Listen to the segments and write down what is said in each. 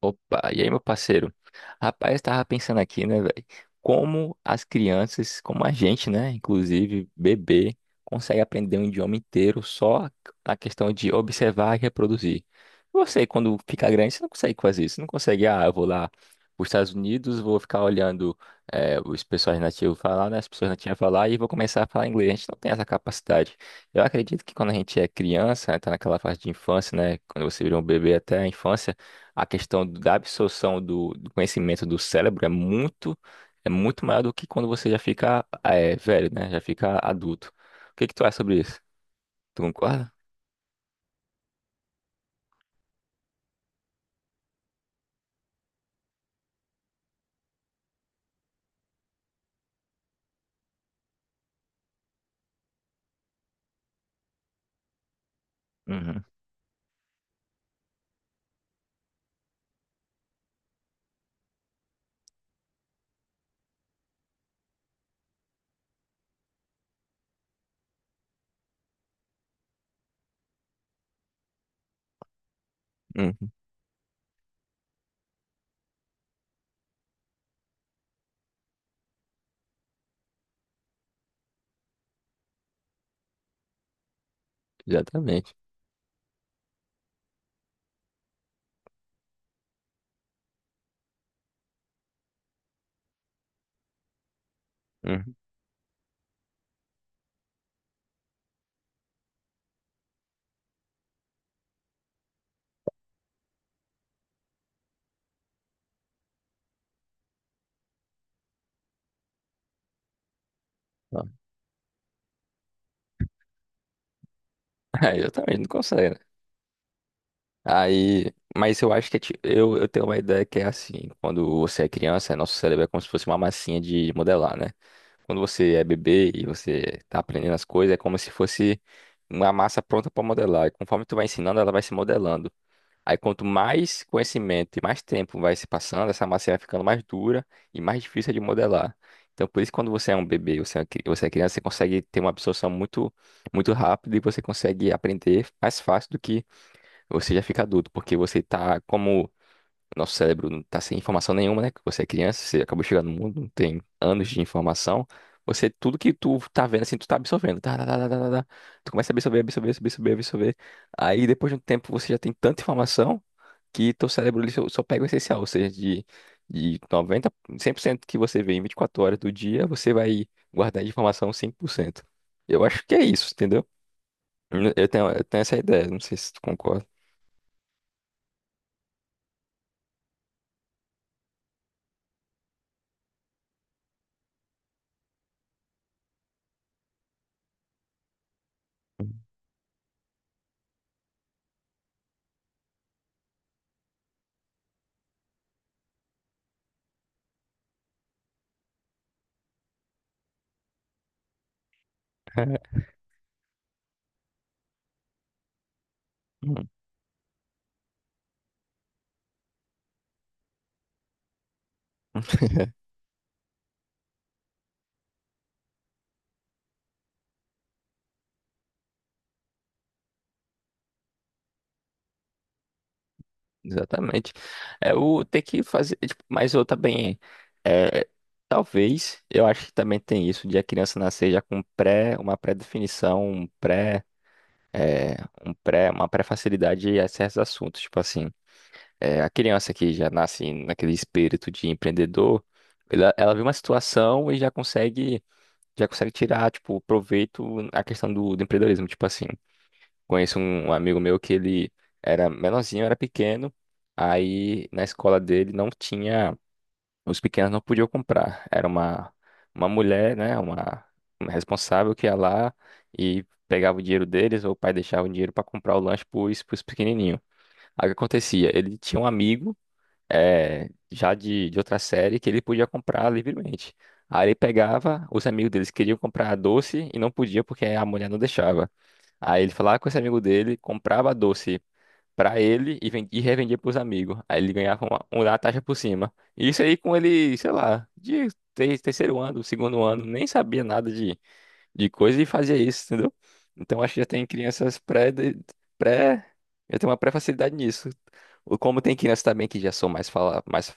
Opa, e aí, meu parceiro? Rapaz, tava pensando aqui, né, velho? Como as crianças, como a gente, né, inclusive bebê, consegue aprender um idioma inteiro só na questão de observar e reproduzir. Você, quando fica grande, você não consegue fazer isso. Você não consegue, ah, eu vou lá para os Estados Unidos, vou ficar olhando os pessoas nativos falar, né, as pessoas nativas falar e vou começar a falar inglês. A gente não tem essa capacidade. Eu acredito que quando a gente é criança, né, tá naquela fase de infância, né, quando você vira um bebê até a infância, a questão da absorção do conhecimento do cérebro é muito maior do que quando você já fica é, velho, né? Já fica adulto. O que que tu acha sobre isso? Tu concorda? Uhum. Uhum. Exatamente. Uhum. Ó. É, exatamente, não consegue, né? Aí, mas eu acho que eu tenho uma ideia que é assim, quando você é criança, nosso cérebro é como se fosse uma massinha de modelar, né? Quando você é bebê e você tá aprendendo as coisas, é como se fosse uma massa pronta para modelar. E conforme tu vai ensinando, ela vai se modelando. Aí quanto mais conhecimento e mais tempo vai se passando, essa massa vai ficando mais dura e mais difícil de modelar. Então, por isso, quando você é um bebê, você é criança, você consegue ter uma absorção muito, muito rápida e você consegue aprender mais fácil do que você já fica adulto, porque você está como o nosso cérebro não está sem informação nenhuma, né? Que você é criança, você acabou de chegar no mundo, não tem anos de informação. Você, tudo que tu tá vendo, assim, tu tá absorvendo. Tá, tá, tá, tá, tá, tá. tá. Tu começa a absorver, absorver, absorver, absorver, absorver. Aí, depois de um tempo, você já tem tanta informação que teu cérebro ele só pega o essencial. Ou seja, de 90, 100% que você vê em 24 horas do dia, você vai guardar de informação 5%. Eu acho que é isso, entendeu? Eu tenho essa ideia, não sei se tu concorda. Exatamente. É o ter que fazer, tipo, mas eu também é, talvez, eu acho que também tem isso de a criança nascer já com pré, uma pré-definição, um pré, é, um pré, uma pré-facilidade a certos assuntos, tipo assim, é, a criança que já nasce naquele espírito de empreendedor, ela vê uma situação e já consegue tirar, tipo, proveito a questão do empreendedorismo, tipo assim, conheço um amigo meu que ele era menorzinho, era pequeno. Aí na escola dele não tinha, os pequenos não podiam comprar. Era uma mulher, né, uma responsável que ia lá e pegava o dinheiro deles, ou o pai deixava o dinheiro para comprar o lanche pros pequenininhos. Aí o que acontecia? Ele tinha um amigo já de outra série que ele podia comprar livremente. Aí ele pegava, os amigos deles queriam comprar doce e não podia porque a mulher não deixava. Aí ele falava com esse amigo dele, comprava doce pra ele e, e revendia pros amigos. Aí ele ganhava uma taxa por cima. E isso aí com ele, sei lá, de terceiro ano, segundo ano, nem sabia nada de coisa e fazia isso, entendeu? Então acho que já tem crianças pré, já tem uma pré-facilidade nisso. Ou como tem crianças também que já são mais fala, mais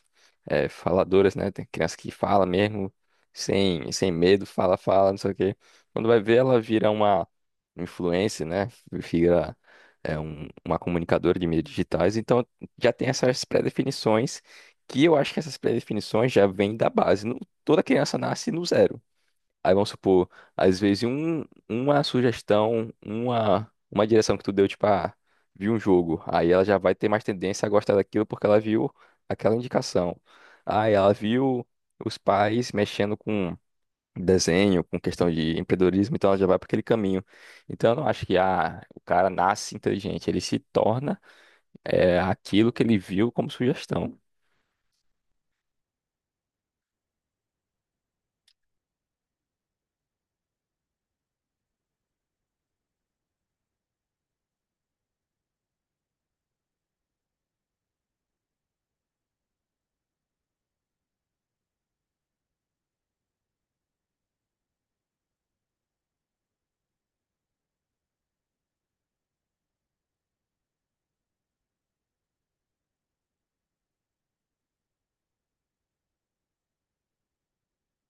é, faladoras, né? Tem criança que fala mesmo, sem medo, fala, fala, não sei o quê. Quando vai ver, ela vira uma influencer, né? Vira é, uma comunicadora de mídias digitais. Então já tem essas pré-definições que eu acho que essas pré-definições já vêm da base. Não- toda criança nasce no zero. Aí vamos supor, às vezes um, uma sugestão, uma direção que tu deu, tipo, ah, viu um jogo. Aí ela já vai ter mais tendência a gostar daquilo porque ela viu aquela indicação. Aí ela viu os pais mexendo com desenho, com questão de empreendedorismo, então ela já vai para aquele caminho. Então eu não acho que ah, o cara nasce inteligente, ele se torna é, aquilo que ele viu como sugestão.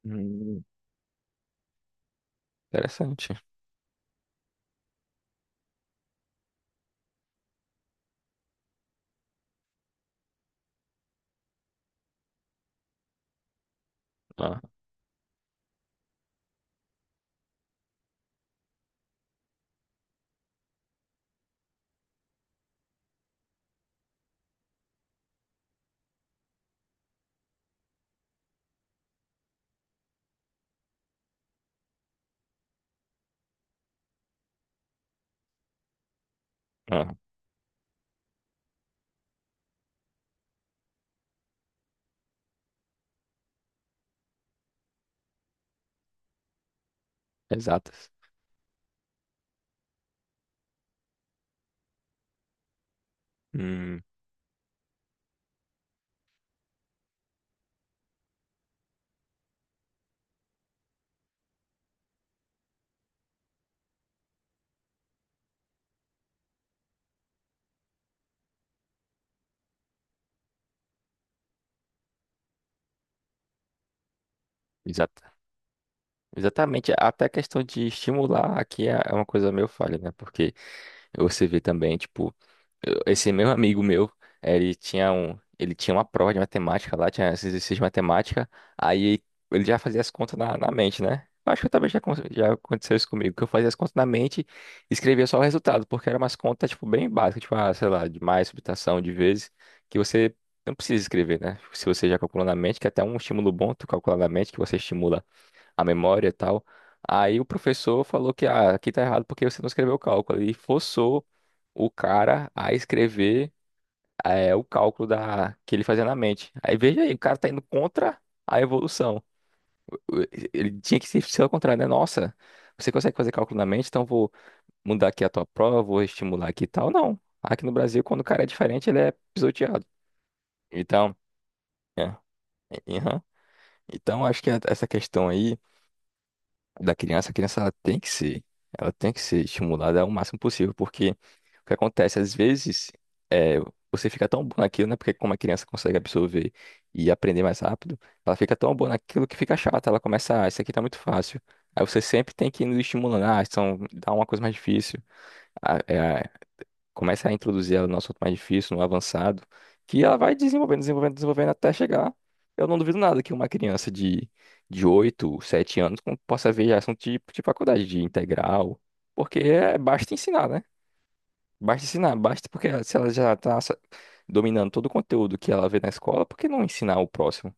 Hum. Interessante. Ah, ah, exatas. Hum, exatas. Exatamente, até a questão de estimular aqui é uma coisa meio falha, né? Porque você vê também, tipo, esse meu amigo meu, ele tinha um, ele tinha uma prova de matemática lá, tinha esse exercício de matemática, aí ele já fazia as contas na mente, né? Eu acho que também já, já aconteceu isso comigo, que eu fazia as contas na mente e escrevia só o resultado, porque eram umas contas, tipo, bem básicas, tipo, ah, sei lá, de mais, subtração, de vezes, que você não precisa escrever, né? Se você já calculou na mente, que é até um estímulo bom tu calcular na mente, que você estimula a memória e tal. Aí o professor falou que ah, aqui tá errado porque você não escreveu o cálculo. E forçou o cara a escrever o cálculo da, que ele fazia na mente. Aí veja aí, o cara tá indo contra a evolução. Ele tinha que ser ao contrário, né? Nossa, você consegue fazer cálculo na mente, então vou mudar aqui a tua prova, vou estimular aqui e tal. Não. Aqui no Brasil, quando o cara é diferente, ele é pisoteado. Então, é, aham. Então, acho que essa questão aí. Da criança, a criança ela tem que ser estimulada ao máximo possível, porque o que acontece, às vezes, é, você fica tão bom naquilo, né? Porque como a criança consegue absorver e aprender mais rápido, ela fica tão boa naquilo que fica chata, ela começa, ah, isso aqui tá muito fácil. Aí você sempre tem que ir estimulando, ah, então dá uma coisa mais difícil, ah, é, começa a introduzir ela no assunto mais difícil, no avançado, que ela vai desenvolvendo, desenvolvendo, desenvolvendo até chegar. Eu não duvido nada que uma criança de 8, 7 anos possa ver já assunto tipo de faculdade, de integral, porque é, basta ensinar, né? Basta ensinar, basta porque se ela já está dominando todo o conteúdo que ela vê na escola, por que não ensinar o próximo?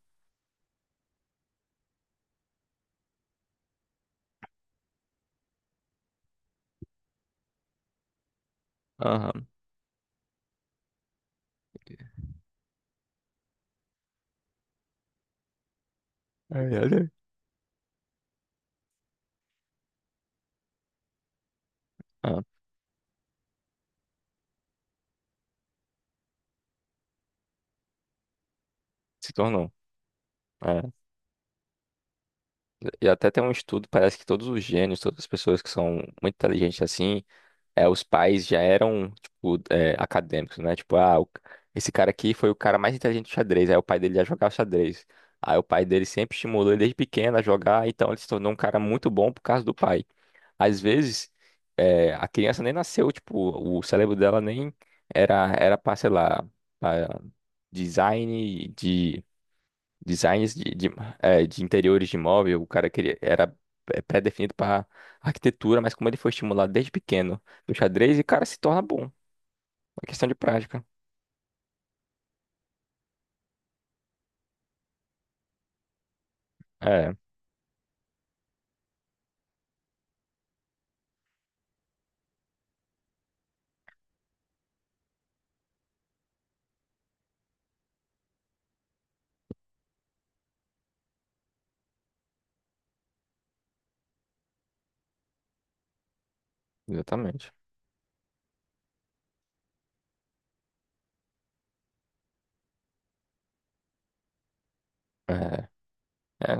Aham. Ai, ai, ah, se tornou. É. E até tem um estudo, parece que todos os gênios, todas as pessoas que são muito inteligentes assim é, os pais já eram, tipo, é, acadêmicos, né? Tipo, ah, esse cara aqui foi o cara mais inteligente do xadrez. Aí o pai dele já jogava xadrez. Aí o pai dele sempre estimulou ele desde pequeno a jogar, então ele se tornou um cara muito bom por causa do pai. Às vezes, é, a criança nem nasceu, tipo, o cérebro dela nem era pra, sei lá, pra design de designs de, é, de interiores de imóvel, o cara queria, era é, pré-definido para arquitetura, mas como ele foi estimulado desde pequeno do xadrez, e o cara se torna bom. É questão de prática. É, exatamente. É, é.